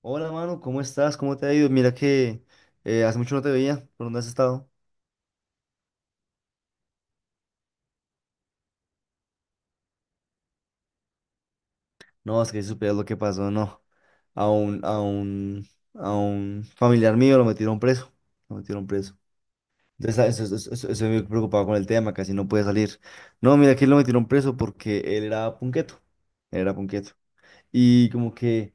Hola, mano, ¿cómo estás? ¿Cómo te ha ido? Mira que hace mucho no te veía. ¿Por dónde has estado? No, es que si supieras lo que pasó, no. A un, a un, a un familiar mío lo metieron preso. Lo metieron preso. Entonces, estoy muy preocupado con el tema, casi no puede salir. No, mira que lo metieron preso porque él era punqueto. Él era punqueto. Y como que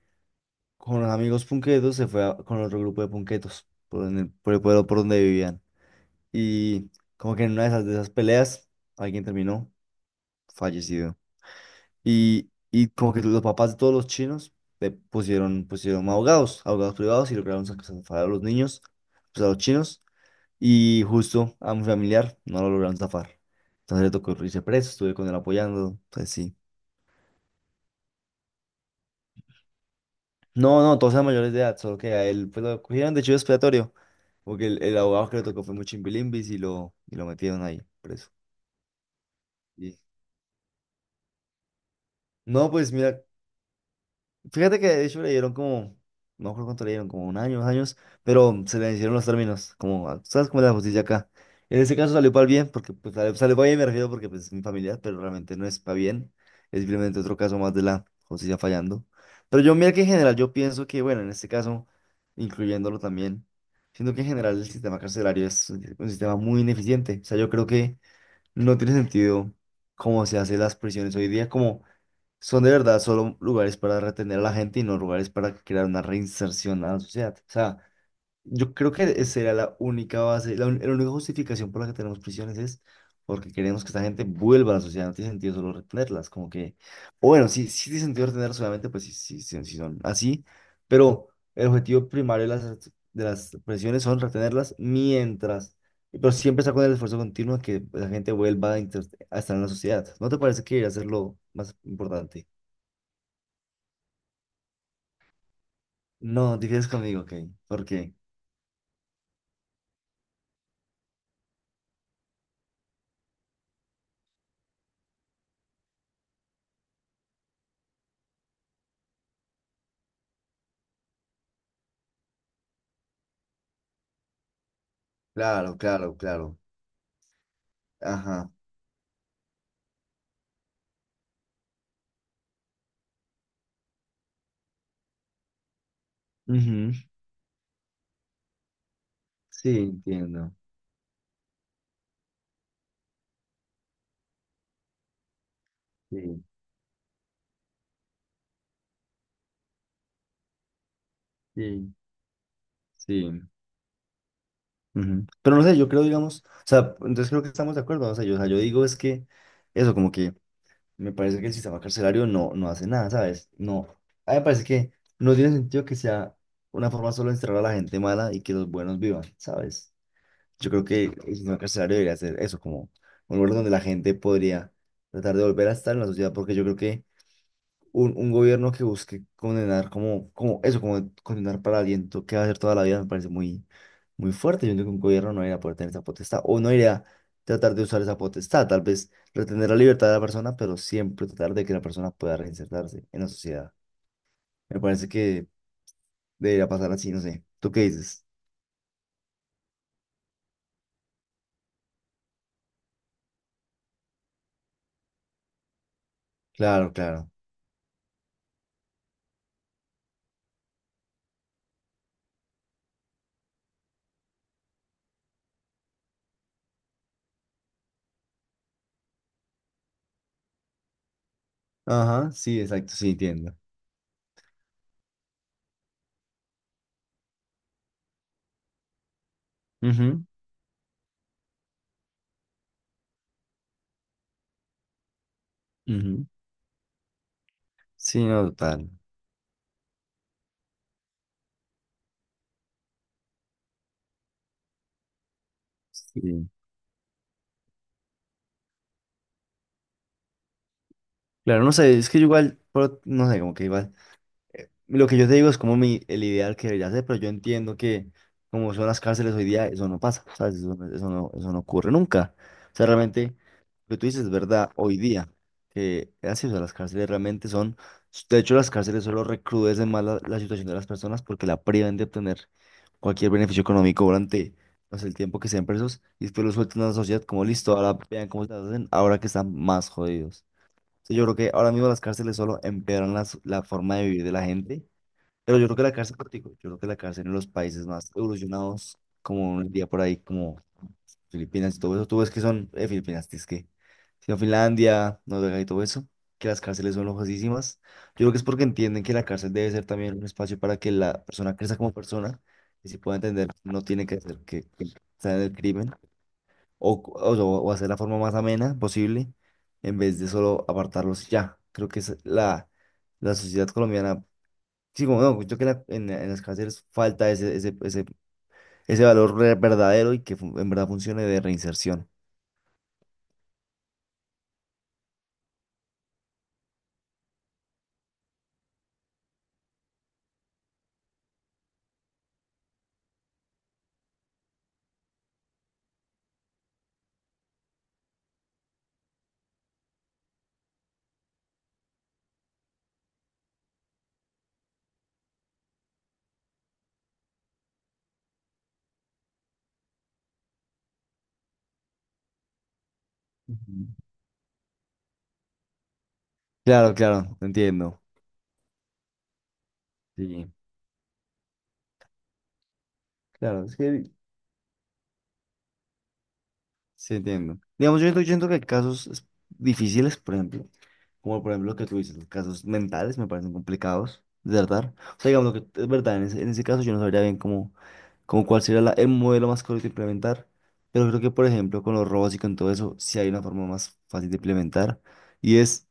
con los amigos punquetos con otro grupo de punquetos por, por el pueblo por donde vivían. Y como que en una de esas peleas alguien terminó fallecido. Y como que los papás de todos los chinos pusieron, pusieron abogados, abogados privados y lograron zafar a los niños, pues a los chinos. Y justo a mi familiar no lo lograron zafar. Entonces le tocó irse preso, estuve con él apoyando. Entonces sí. No, no, todos eran mayores de edad, solo que a él pues, lo cogieron de chivo expiatorio. Porque el abogado que le tocó fue muy chimbilimbis y lo metieron ahí preso. Y- No, pues mira, fíjate que de hecho le dieron como, no recuerdo cuánto le dieron, como un año, dos años, pero se le hicieron los términos, como, ¿sabes cómo es la justicia acá? En ese caso salió para el bien, porque pues, sale salió para bien, me refiero porque pues, es mi familia, pero realmente no es para bien, es simplemente otro caso más de la justicia fallando. Pero yo, mira que en general, yo pienso que, bueno, en este caso, incluyéndolo también, siento que en general el sistema carcelario es un sistema muy ineficiente, o sea, yo creo que no tiene sentido cómo se hacen las prisiones hoy día, como son de verdad solo lugares para retener a la gente y no lugares para crear una reinserción a la sociedad. O sea, yo creo que esa era la única base, la única justificación por la que tenemos prisiones es porque queremos que esta gente vuelva a la sociedad. No tiene sentido solo retenerlas, como que, o bueno, sí, sí tiene sentido retenerlas, solamente pues sí, sí, sí, sí son así, pero el objetivo primario de las prisiones son retenerlas mientras, pero siempre está con el esfuerzo continuo de que la gente vuelva a, a estar en la sociedad. ¿No te parece que debería ser lo más importante? No, divides conmigo, ok. ¿Por qué? Claro, claro, claro. Ajá. Ujú. Sí, entiendo. Sí, sí, sí. Ujú. Pero no sé, yo creo, digamos, o sea, entonces creo que estamos de acuerdo. O sea, yo digo es que eso, como que me parece que el sistema carcelario no, no hace nada, ¿sabes? No. A mí me parece que no tiene sentido que sea una forma solo de encerrar a la gente mala y que los buenos vivan, ¿sabes? Yo creo que el sistema carcelario debería ser eso, como un lugar donde la gente podría tratar de volver a estar en la sociedad, porque yo creo que un gobierno que busque condenar como, como eso, como condenar para aliento que va a hacer toda la vida, me parece muy, muy fuerte. Yo entiendo que un gobierno no iría a poder tener esa potestad o no iría a tratar de usar esa potestad. Tal vez retener la libertad de la persona, pero siempre tratar de que la persona pueda reinsertarse en la sociedad. Me parece que debería pasar así, no sé. ¿Tú qué dices? Claro, claro. Ajá, sí, exacto, sí, entiendo. Ujú, ujú. Sí, no, total. Sí. Claro, no sé, es que yo igual, pero no sé, como que igual. Lo que yo te digo es como el ideal que debería ser, pero yo entiendo que como son las cárceles hoy día, eso no pasa, ¿sabes? Eso, eso no ocurre nunca. O sea, realmente, lo que tú dices es verdad hoy día, que es así, o sea, las cárceles realmente son, de hecho, las cárceles solo recrudecen más la situación de las personas porque la privan de obtener cualquier beneficio económico durante, no sé, el tiempo que sean presos y después los sueltan a la sociedad como listo, ahora vean cómo se las hacen, ahora que están más jodidos. O sea, yo creo que ahora mismo las cárceles solo empeoran la forma de vivir de la gente pero yo creo que la cárcel, como te digo, yo creo que la cárcel en los países más evolucionados, como un día por ahí, como Filipinas y todo eso, tú ves que son, Filipinas, es que, sino Finlandia, Noruega y todo eso, que las cárceles son lojosísimas. Yo creo que es porque entienden que la cárcel debe ser también un espacio para que la persona crezca como persona y se pueda entender, no tiene que hacer que sea del crimen o hacer la forma más amena posible en vez de solo apartarlos y ya. Creo que es la sociedad colombiana. Sí, como no, yo creo que en las cárceles falta ese valor verdadero y que en verdad funcione de reinserción. Ujú. Claro, claro, entiendo. Sí, claro, es que sí entiendo. Digamos, yo siento que hay casos difíciles, por ejemplo, como por ejemplo lo que tú dices, los casos mentales me parecen complicados de tratar. O sea, digamos, lo que es verdad, en ese caso yo no sabría bien cómo, cómo cuál sería el modelo más correcto de implementar, pero creo que, por ejemplo, con los robots y con todo eso, sí hay una forma más fácil de implementar, y es...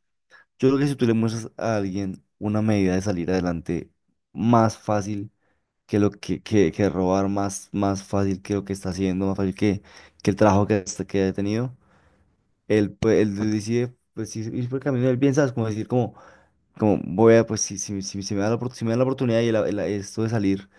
Yo creo que si tú le muestras a alguien una medida de salir adelante más fácil que lo que, que robar, más, más fácil que lo que está haciendo, más fácil que el trabajo que, que ha tenido, él, pues, él decide pues, ir, ir por el camino del bien, ¿sabes? Como decir, como, como voy a, pues si, si, si, si me da la, si me da la oportunidad y esto de salir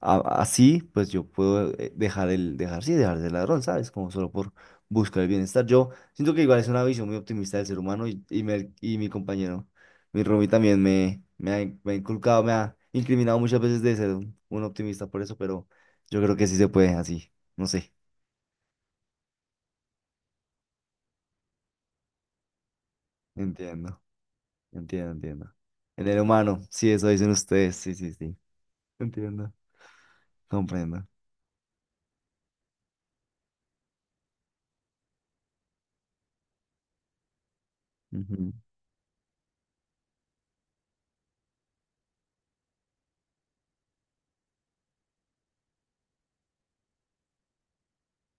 así, pues yo puedo dejar el, dejar, sí, dejar de ser ladrón, ¿sabes? Como solo por buscar el bienestar. Yo siento que igual es una visión muy optimista del ser humano y, y mi compañero, mi Rumi también me ha, me ha inculcado, me ha incriminado muchas veces de ser un optimista por eso, pero yo creo que sí se puede así, no sé. Entiendo, entiendo, entiendo. En el humano, sí, eso dicen ustedes, sí, sí, sí. Entiendo, comprendo. Ujú,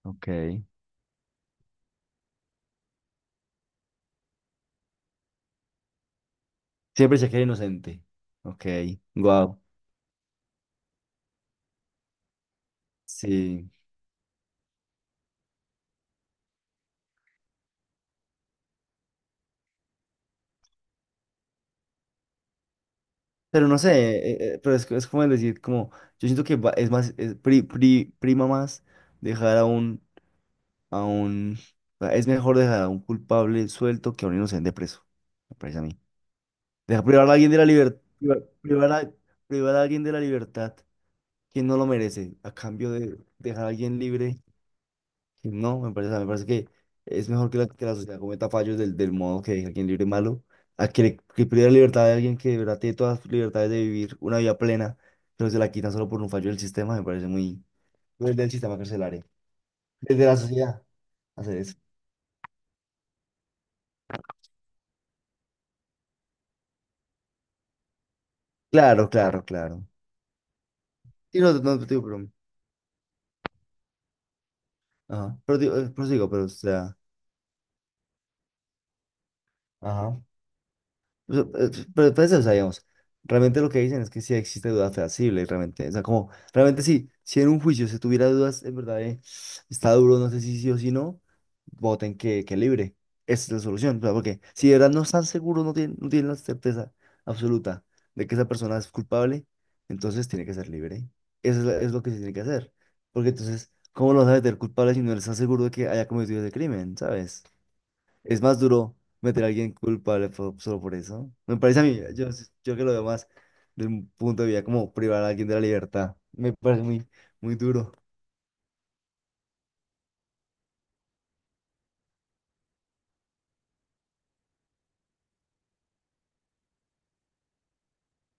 ok. Siempre se quiere inocente. Ok, wow. Sí. Pero no sé, pero es como decir, como, yo siento que es más, prima más dejar a un, o sea, es mejor dejar a un culpable suelto que a un inocente preso, me parece a mí. Dejar privar a alguien de la libertad, privar, privar a alguien de la libertad, quien no lo merece, a cambio de dejar a alguien libre no, me parece que es mejor que que la sociedad cometa fallos del modo que deja a quien libre malo, a que, que pierda libertad de alguien que de verdad tiene todas sus libertades de vivir una vida plena, pero se la quitan solo por un fallo del sistema, me parece muy... Desde el sistema carcelario, desde la sociedad, hacer eso. Claro, claro, claro. Sí, no, no, digo, pero... Ajá, pero digo, prosigo, pero o sea... Ajá. Pero, pero, pues, o sea, digamos, realmente lo que dicen es que sí existe duda fehacible, realmente. O sea, como, realmente sí, si en un juicio se tuviera dudas, en verdad, está duro, no sé si sí o si no, voten que libre. Esa es la solución, o sea, porque si de verdad no están seguros, no tienen, no tienen la certeza absoluta de que esa persona es culpable, entonces tiene que ser libre. Eso es, es lo que se tiene que hacer. Porque entonces, ¿cómo lo vas a meter culpable si no estás seguro de que haya cometido ese crimen, ¿sabes? Es más duro meter a alguien culpable solo por eso. Me parece a mí, yo que lo veo más desde un punto de vista como privar a alguien de la libertad. Me parece muy, muy duro.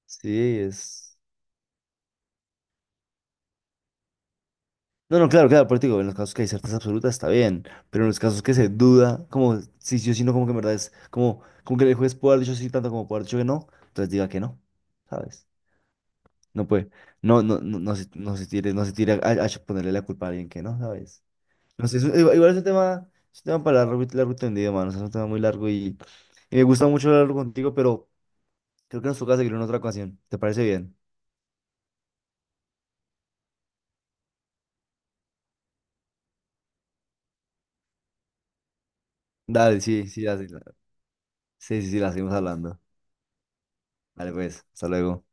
Sí, es... No, no, claro, claro, por eso te digo, en los casos que hay certeza absoluta está bien, pero en los casos que se duda, como si yo sí o si no, como que en verdad es como, como que el juez puede haber dicho sí tanto como puede haber dicho que no, entonces diga que no, ¿sabes? No puede, no, no, no, no se, no se tire, a ponerle la culpa a alguien que no, ¿sabes? No sé, es igual es un tema para largo, largo y tendido, mano. O sea, es un tema muy largo y me gusta mucho hablarlo contigo, pero creo que nos toca seguir en otra ocasión. ¿Te parece bien? Dale, sí, sí, sí, sí, sí, sí, la seguimos hablando. Dale, pues, hasta luego.